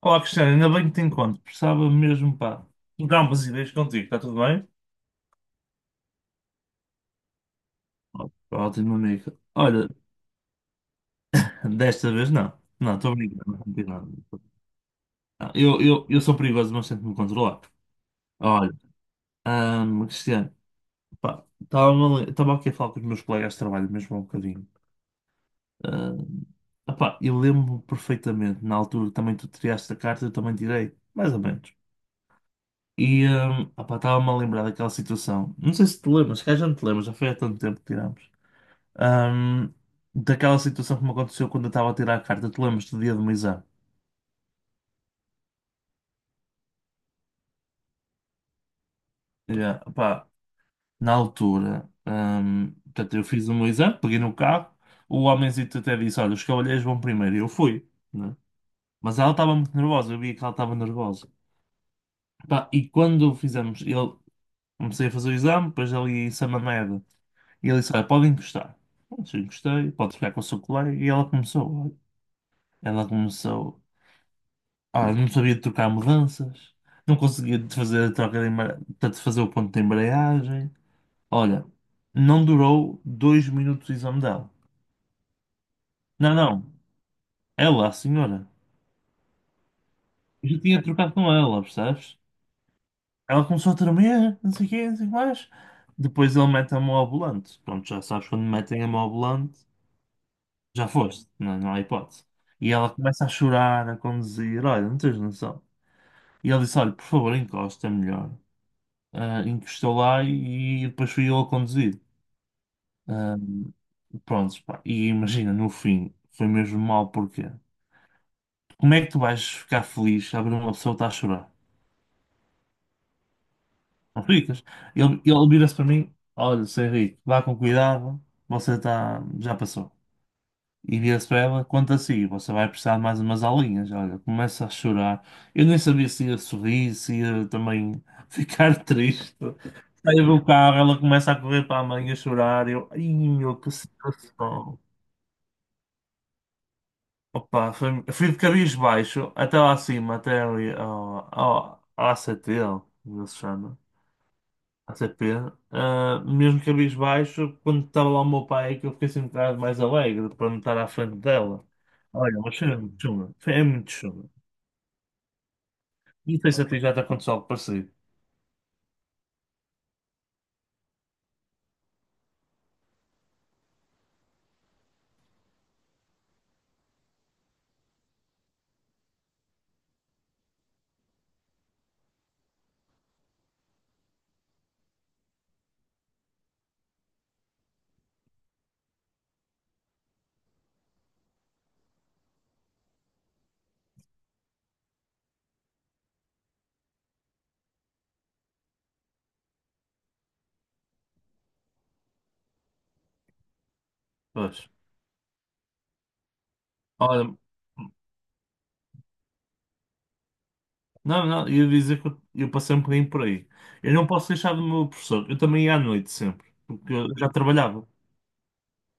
Olá, Cristiano, ainda bem que te encontro. Precisava mesmo, pá, trocar umas ideias contigo. Está tudo bem? Ótimo, amigo. Olha, desta vez não. Não, estou brincando, não tem nada. Não, eu sou perigoso, mas tento me controlar. Olha, Cristiano, pá, estava aqui a falar com os meus colegas de trabalho mesmo há um bocadinho. Ahm, opá, eu lembro-me perfeitamente, na altura que também tu tiraste a carta, eu também tirei, mais ou menos. E opá, estava-me a lembrar daquela situação. Não sei se te lembras, se calhar já não te lembras, já foi há tanto tempo que tirámos. Ahm, daquela situação que me aconteceu quando eu estava a tirar a carta, te lembras do dia do meu exame? Yeah, pá, na altura, portanto, eu fiz o meu exame, peguei no carro, o homenzito até disse: "Olha, os cavalheiros vão primeiro", e eu fui, né? Mas ela estava muito nervosa, eu via que ela estava nervosa. Pá, e quando fizemos, ele comecei a fazer o exame, depois ali em Samamed, e ele disse: "Olha, pode encostar." Pronto, eu encostei, pode ficar com o seu colega, e ela começou, olha, ela começou. Ah, não sabia trocar mudanças, não conseguia de fazer a troca de portanto, fazer o ponto de embreagem. Olha, não durou 2 minutos o exame dela. Não, não, ela, a senhora. Eu já tinha trocado com ela, percebes? Ela começou a tremer, não sei o quê, não sei o que mais. Depois ele mete a mão ao volante. Pronto, já sabes, quando metem a mão ao volante, já foste, não, não há hipótese. E ela começa a chorar, a conduzir, olha, não tens noção. E ele disse: "Olha, por favor, encosta, é melhor." Em lá e depois fui eu a conduzir. Ah, pronto, pá. E imagina, no fim, foi mesmo mal, porque como é que tu vais ficar feliz a ver uma pessoa que está a chorar? Não ficas? Ele vira-se para mim: "Olha, seu Henrique, vá com cuidado, você está, já passou." E vira-se para ela, conta assim: "Você vai precisar de mais umas aulinhas." Olha, começa a chorar. Eu nem sabia se ia sorrir, se ia também ficar triste. Saio do carro, ela começa a correr para a mãe a chorar. Eu, ai meu, que situação. Opa, fui de cabisbaixo até lá acima, até ali ao ACT, como ele se chama. ATP. Ah, mesmo cabisbaixo, quando estava lá o meu pai, é que eu fiquei assim um bocado mais alegre para não estar à frente dela. Olha, mas foi muito chunga. É muito chunga. Não sei se a ti já te aconteceu algo parecido. Pois. Olha, não, não, ia dizer que eu passei um bocadinho por aí. Eu não posso deixar do meu professor. Eu também ia à noite sempre, porque eu já trabalhava.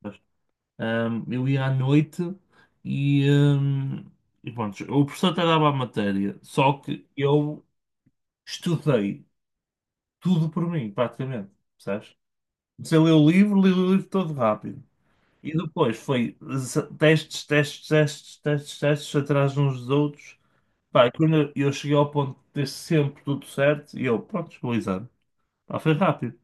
Pois. Eu ia à noite e, ahm, e pronto, o professor até dava a matéria, só que eu estudei tudo por mim, praticamente, percebes? Comecei a ler o livro, li o livro todo rápido. E depois foi testes, testes, testes, testes, testes atrás uns dos outros. Pá, e quando eu cheguei ao ponto de ter sempre tudo certo, e eu, pronto, vou exame. Pá, foi rápido.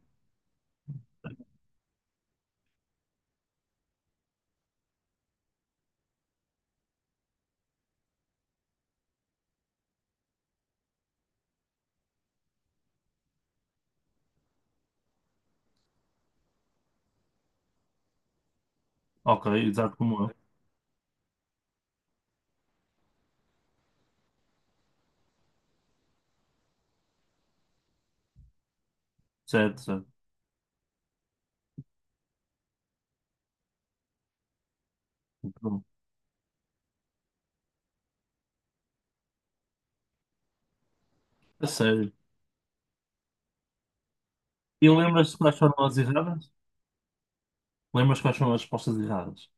Ok, exato como eu. Certo, certo. Muito bom. A sério. E lembras-te quais foram as erradas? Lembras quais foram as respostas erradas?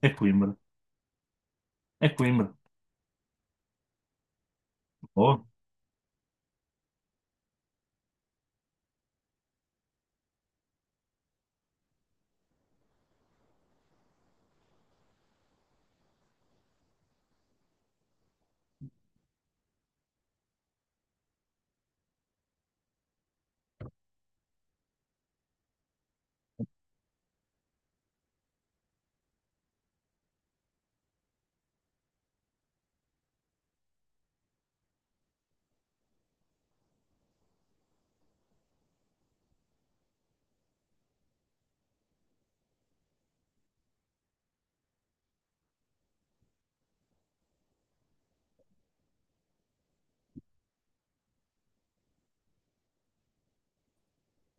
É Coimbra. É Coimbra. Boa.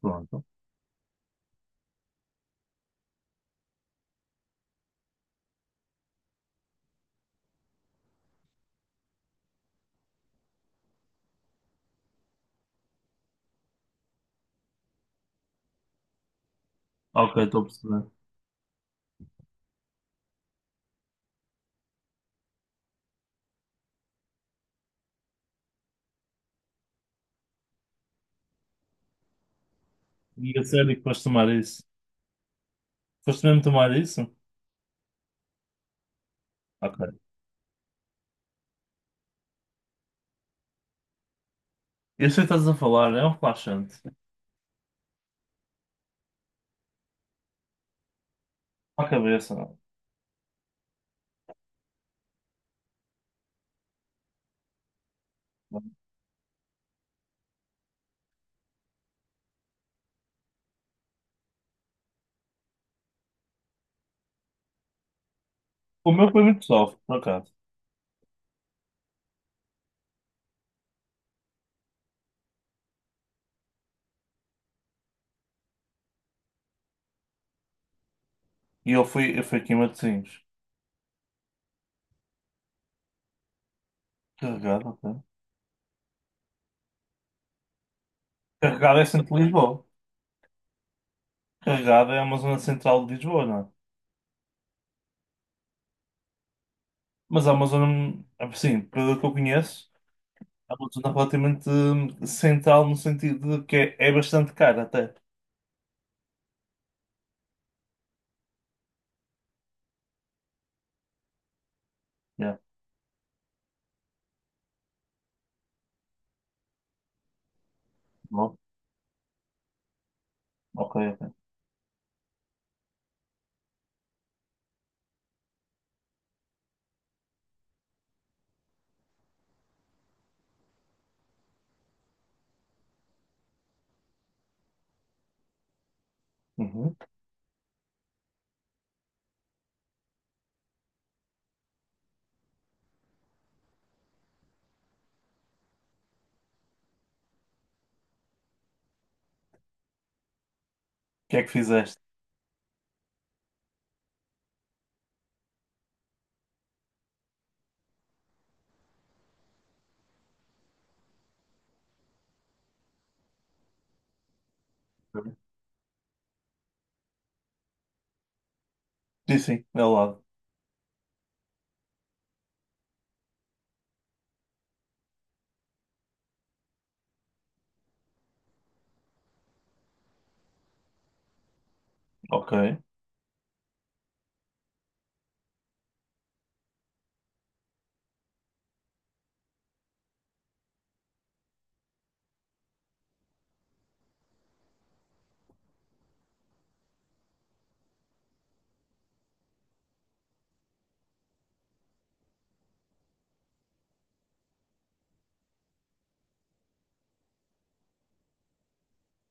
Pronto. Ok, estou a perceber. E a sério que foste tomar isso? Foste mesmo tomar isso? Ok. Eu sei o que estás a falar, é um relaxante. Para a cabeça. O meu foi muito soft, por acaso. E eu fui aqui em Matosinhos. Carregado, ok. Carregado é centro de Lisboa. Carregado é uma zona central de Lisboa, não é? Mas é uma zona, assim, pelo que eu conheço, é uma zona relativamente central no sentido de que é, é bastante cara até. Yeah. Bom, ok, ok. Uhum. O que é que fizeste? Sim, sim, é ao lado. Ok.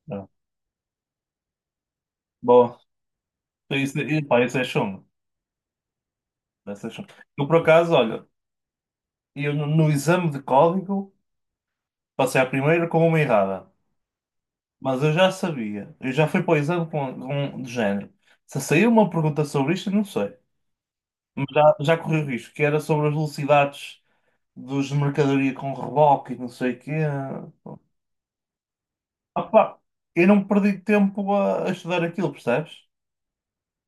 Yeah. Bom, isso, e, pá, isso é chumbo. Isso é chumbo. Eu, por acaso, olha, e eu, no, no exame de código, passei à primeira com uma errada. Mas eu já sabia. Eu já fui para o exame com, de género. Se saiu uma pergunta sobre isto, eu não sei. Mas já, já corri o risco, que era sobre as velocidades dos de mercadoria com reboque e não sei o quê. Opa, eu não perdi tempo a estudar aquilo, percebes?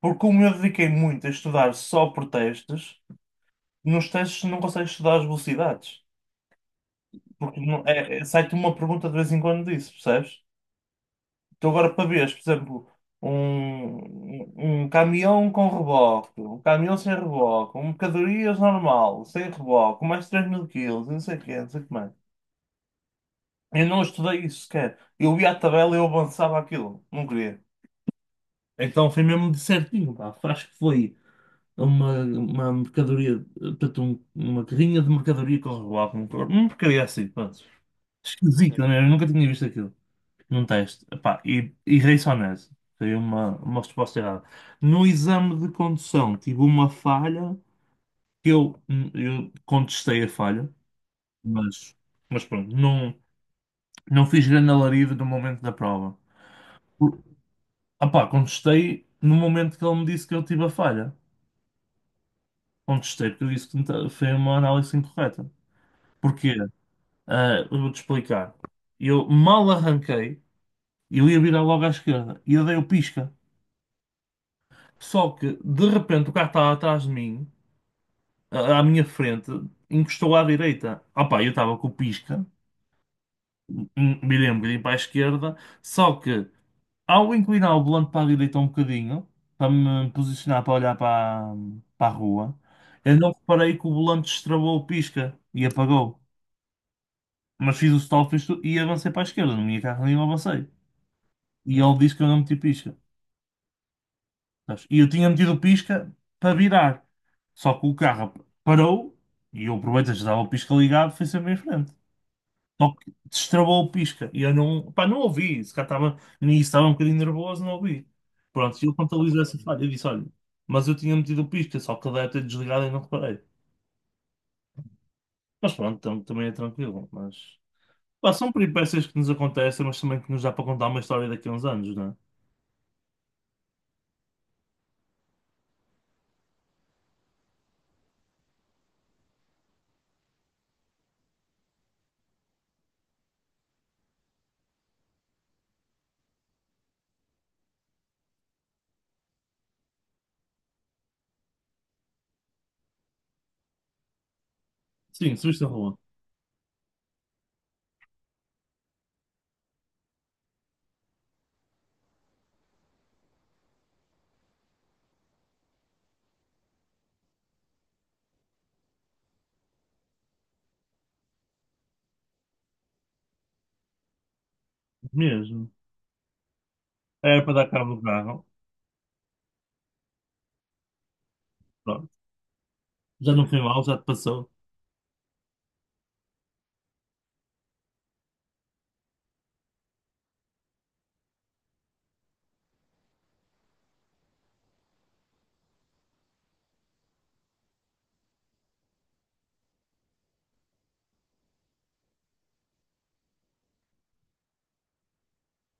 Porque como eu dediquei muito a estudar só por testes, nos testes não consegues estudar as velocidades. Porque não- é, é- sai-te uma pergunta de vez em quando disso, percebes? Tu agora para veres, por exemplo, um, um caminhão com reboque, um caminhão sem reboque, um mercadorias normal, sem reboque, mais 3000 quilos, não sei o quê, não sei o que mais. Eu não estudei isso sequer. Eu via a tabela e eu avançava aquilo, não queria. Então foi mesmo de certinho, pá. Acho que foi uma mercadoria, portanto, um- uma carrinha de mercadoria com reboque, um porcaria assim, pronto. Esquisito, não é? Eu nunca tinha visto aquilo num teste. Epá, e errei só nessa. Foi uma resposta errada. No exame de condução, tive uma falha que eu contestei a falha, mas, mas pronto, não, não fiz grande alarido no momento da prova. Por- Epá, contestei no momento que ele me disse que eu tive a falha. Contestei porque eu disse que não ta- foi uma análise incorreta. Porquê? Ah, eu vou-te explicar. Eu mal arranquei, eu ia virar logo à esquerda e eu dei o pisca. Só que, de repente, o carro estava atrás de mim, à minha frente, encostou à direita. Opa, eu estava com o pisca, virei um bocadinho para a esquerda, só que, ao inclinar o volante para a direita um bocadinho, para me posicionar para olhar para, para a rua, eu não reparei que o volante destravou o pisca e apagou. Mas fiz o stop, fiz tudo, e avancei para a esquerda, no meu carro nenhum avancei. E ele disse que eu não meti pisca. Sabes? E eu tinha metido o pisca para virar. Só que o carro parou e eu aproveitei, já dava o pisca ligado, fui sempre em frente. Só que destravou o pisca e eu não, pá, não ouvi. Se cá estava nisso, estava um bocadinho nervoso, não ouvi. Pronto, e ele contabilizou essa falha. Eu disse: "Olha, mas eu tinha metido o pisca, só que ele deve ter desligado e não reparei." Mas pronto, também é tranquilo. Mas pá, são peripécias que nos acontecem, mas também que nos dá para contar uma história daqui a uns anos, não é? Sim, subiste a rua. Mesmo. Era para dar cabo do carro. Pronto. Já não foi mal, já te passou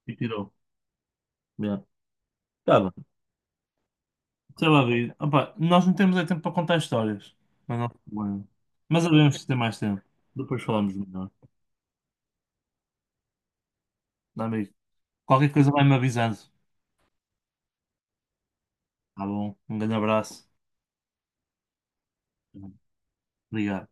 e tirou. Yeah. Tá bem. Sei lá, David. Opa, nós não temos é tempo para contar histórias. Mas não tem problema. Mas devemos ter mais tempo. Depois falamos melhor. Dá, amigo, qualquer coisa vai-me avisando. Tá bom. Um grande abraço. Obrigado.